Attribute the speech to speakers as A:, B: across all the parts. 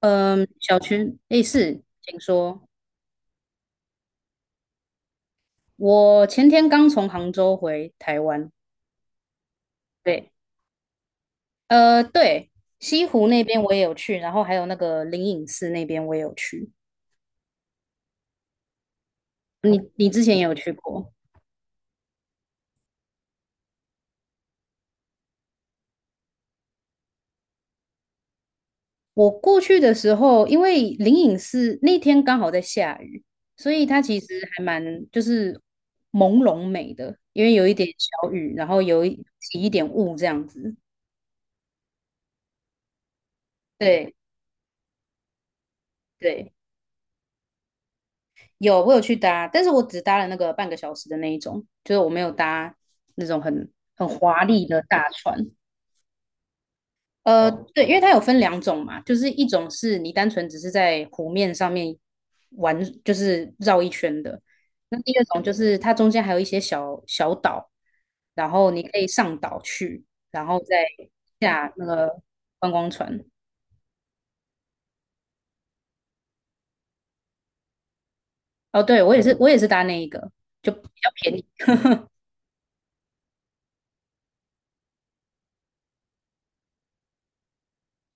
A: 嗯，小群，诶，是，请说。我前天刚从杭州回台湾，对，呃，对，西湖那边我也有去，然后还有那个灵隐寺那边我也有去。你之前也有去过？我过去的时候，因为灵隐寺那天刚好在下雨，所以它其实还蛮就是朦胧美的，因为有一点小雨，然后有一起一点雾这样子。对对。有，我有去搭，但是我只搭了那个半个小时的那一种，就是我没有搭那种很华丽的大船。哦对，因为它有分两种嘛，就是一种是你单纯只是在湖面上面玩，就是绕一圈的；那第二种就是它中间还有一些小小岛，然后你可以上岛去，然后再下那个观光船。哦，对，我也是，我也是搭那一个，就比较便宜。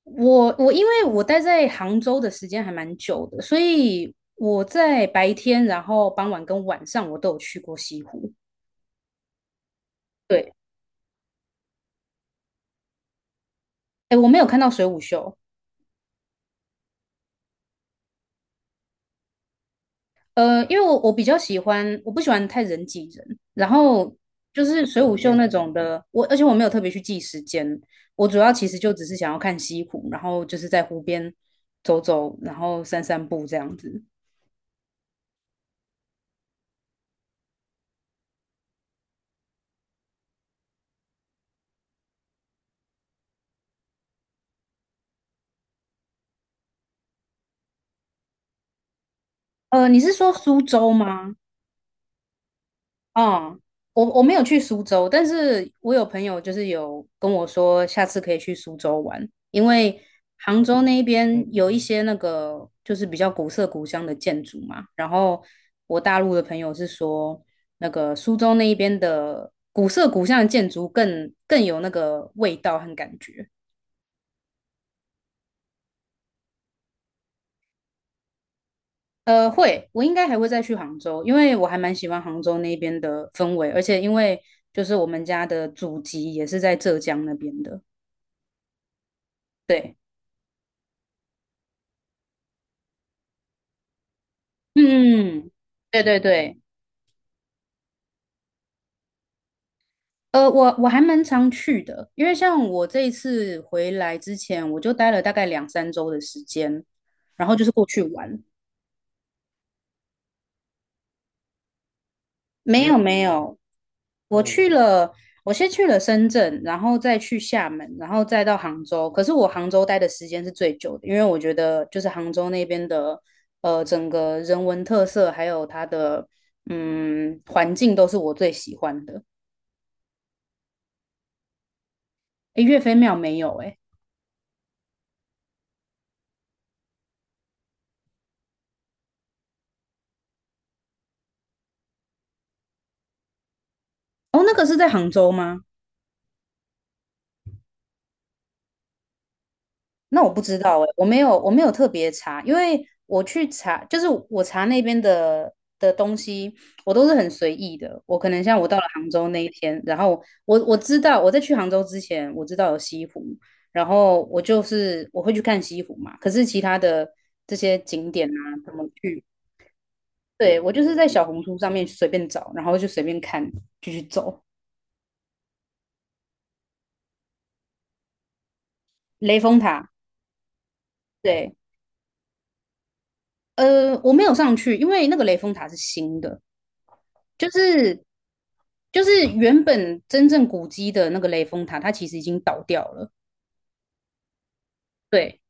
A: 我因为我待在杭州的时间还蛮久的，所以我在白天、然后傍晚跟晚上我都有去过西湖。对，哎，我没有看到水舞秀，因为我比较喜欢，我不喜欢太人挤人，然后就是水舞秀那种的，而且我没有特别去记时间，我主要其实就只是想要看西湖，然后就是在湖边走走，然后散散步这样子。你是说苏州吗？嗯，我没有去苏州，但是我有朋友就是有跟我说，下次可以去苏州玩，因为杭州那一边有一些那个就是比较古色古香的建筑嘛。然后我大陆的朋友是说，那个苏州那一边的古色古香的建筑更有那个味道和感觉。会，我应该还会再去杭州，因为我还蛮喜欢杭州那边的氛围，而且因为就是我们家的祖籍也是在浙江那边的，对。嗯，对,我还蛮常去的，因为像我这一次回来之前，我就待了大概两三周的时间，然后就是过去玩。没有。我去了，我先去了深圳，然后再去厦门，然后再到杭州。可是我杭州待的时间是最久的，因为我觉得就是杭州那边的，整个人文特色还有它的环境都是我最喜欢的。诶，岳飞庙没有诶。哦，那个是在杭州吗？那我不知道哎，我没有特别查，因为我去查，就是我查那边的东西，我都是很随意的。我可能像我到了杭州那一天，然后我知道我在去杭州之前，我知道有西湖，然后我就是我会去看西湖嘛。可是其他的这些景点啊，怎么去？对，我就是在小红书上面随便找，然后就随便看，就去走雷峰塔。对，我没有上去，因为那个雷峰塔是新的。就是就是原本真正古迹的那个雷峰塔，它其实已经倒掉了。对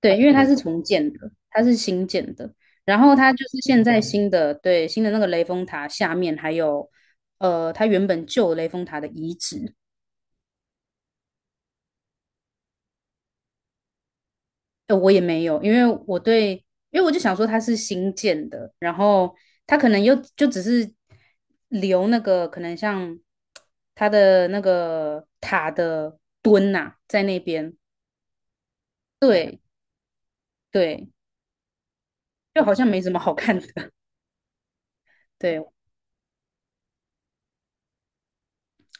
A: 对，因为它是重建的，它是新建的。然后它就是现在新的，对，新的那个雷峰塔下面还有它原本旧的雷峰塔的遗址。我也没有，因为我就想说它是新建的，然后它可能又就只是留那个可能像它的那个塔的墩呐、在那边，对对，就好像没什么好看的。对，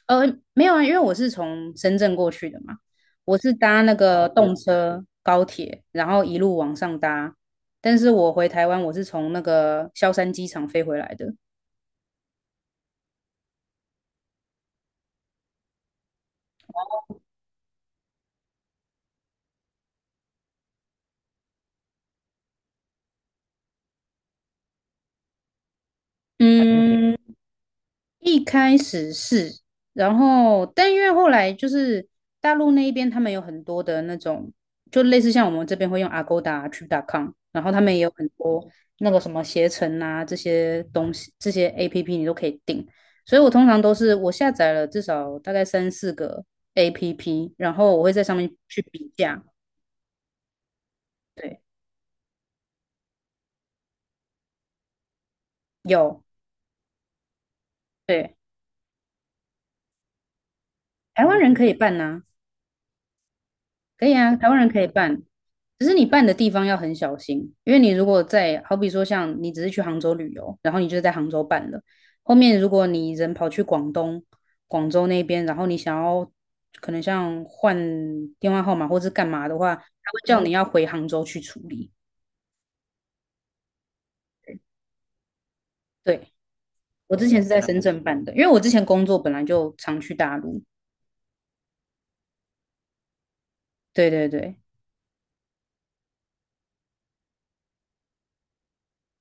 A: 呃，没有啊，因为我是从深圳过去的嘛，我是搭那个动车、高铁，然后一路往上搭。但是我回台湾，我是从那个萧山机场飞回来的。嗯，一开始是，然后但因为后来就是大陆那一边，他们有很多的那种，就类似像我们这边会用 Agoda、Trip.com，然后他们也有很多那个什么携程啊这些东西，这些 APP 你都可以订。所以我通常都是我下载了至少大概三四个 APP，然后我会在上面去比价。对，有，对，台湾人可以办呐、可以啊，台湾人可以办，只是你办的地方要很小心，因为你如果在，好比说像你只是去杭州旅游，然后你就在杭州办了，后面如果你人跑去广东、广州那边，然后你想要可能像换电话号码或是干嘛的话，他会叫你要回杭州去处理。对，我之前是在深圳办的，因为我之前工作本来就常去大陆。对对对，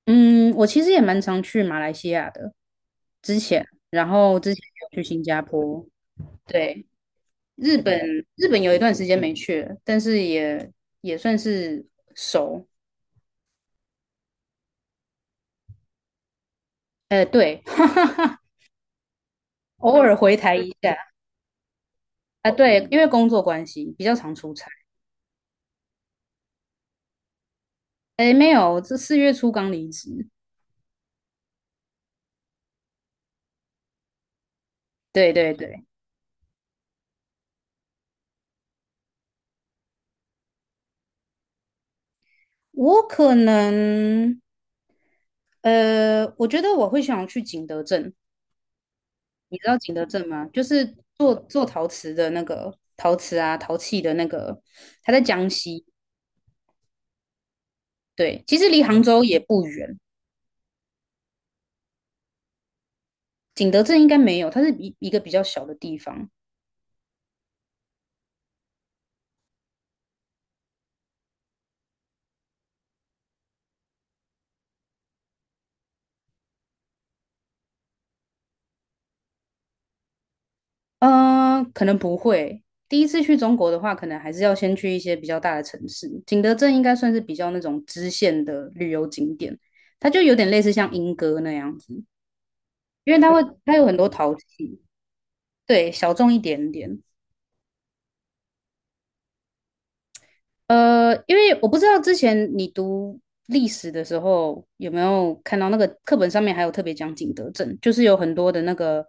A: 嗯，我其实也蛮常去马来西亚的，之前有去新加坡。对，日本日本有一段时间没去了，但是也算是熟。对，偶尔回台一下啊，对，因为工作关系比较常出差。哎，没有，这四月初刚离职。对对对，我可能，我觉得我会想去景德镇。你知道景德镇吗？就是做陶瓷的那个陶瓷啊，陶器的那个，它在江西。对，其实离杭州也不远，景德镇应该没有，它是一个比较小的地方。可能不会。第一次去中国的话，可能还是要先去一些比较大的城市。景德镇应该算是比较那种支线的旅游景点，它就有点类似像莺歌那样子，因为它会它有很多陶器，对，小众一点点。因为我不知道之前你读历史的时候有没有看到那个课本上面还有特别讲景德镇，就是有很多的那个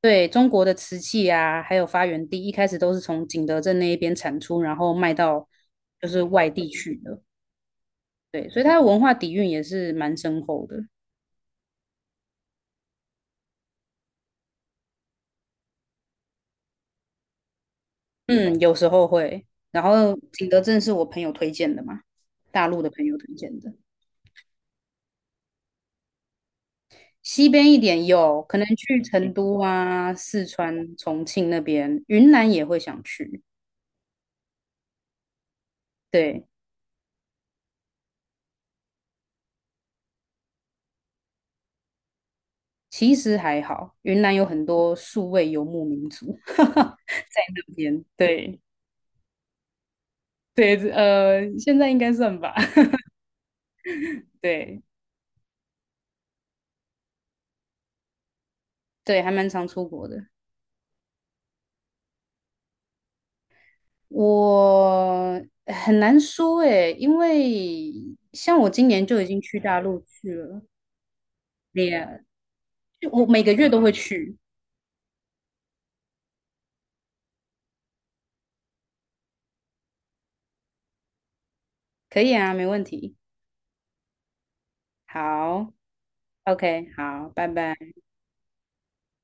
A: 对中国的瓷器啊，还有发源地，一开始都是从景德镇那一边产出，然后卖到就是外地去的。对，所以它的文化底蕴也是蛮深厚的。嗯，有时候会。然后景德镇是我朋友推荐的嘛，大陆的朋友推荐的。西边一点有，可能去成都啊、四川、重庆那边，云南也会想去。对，其实还好，云南有很多数位游牧民族，那边对对，现在应该算吧。对对，还蛮常出国的。我很难说诶，因为像我今年就已经去大陆去了，也就我每个月都会去，可以啊，没问题。好，OK，好，拜拜。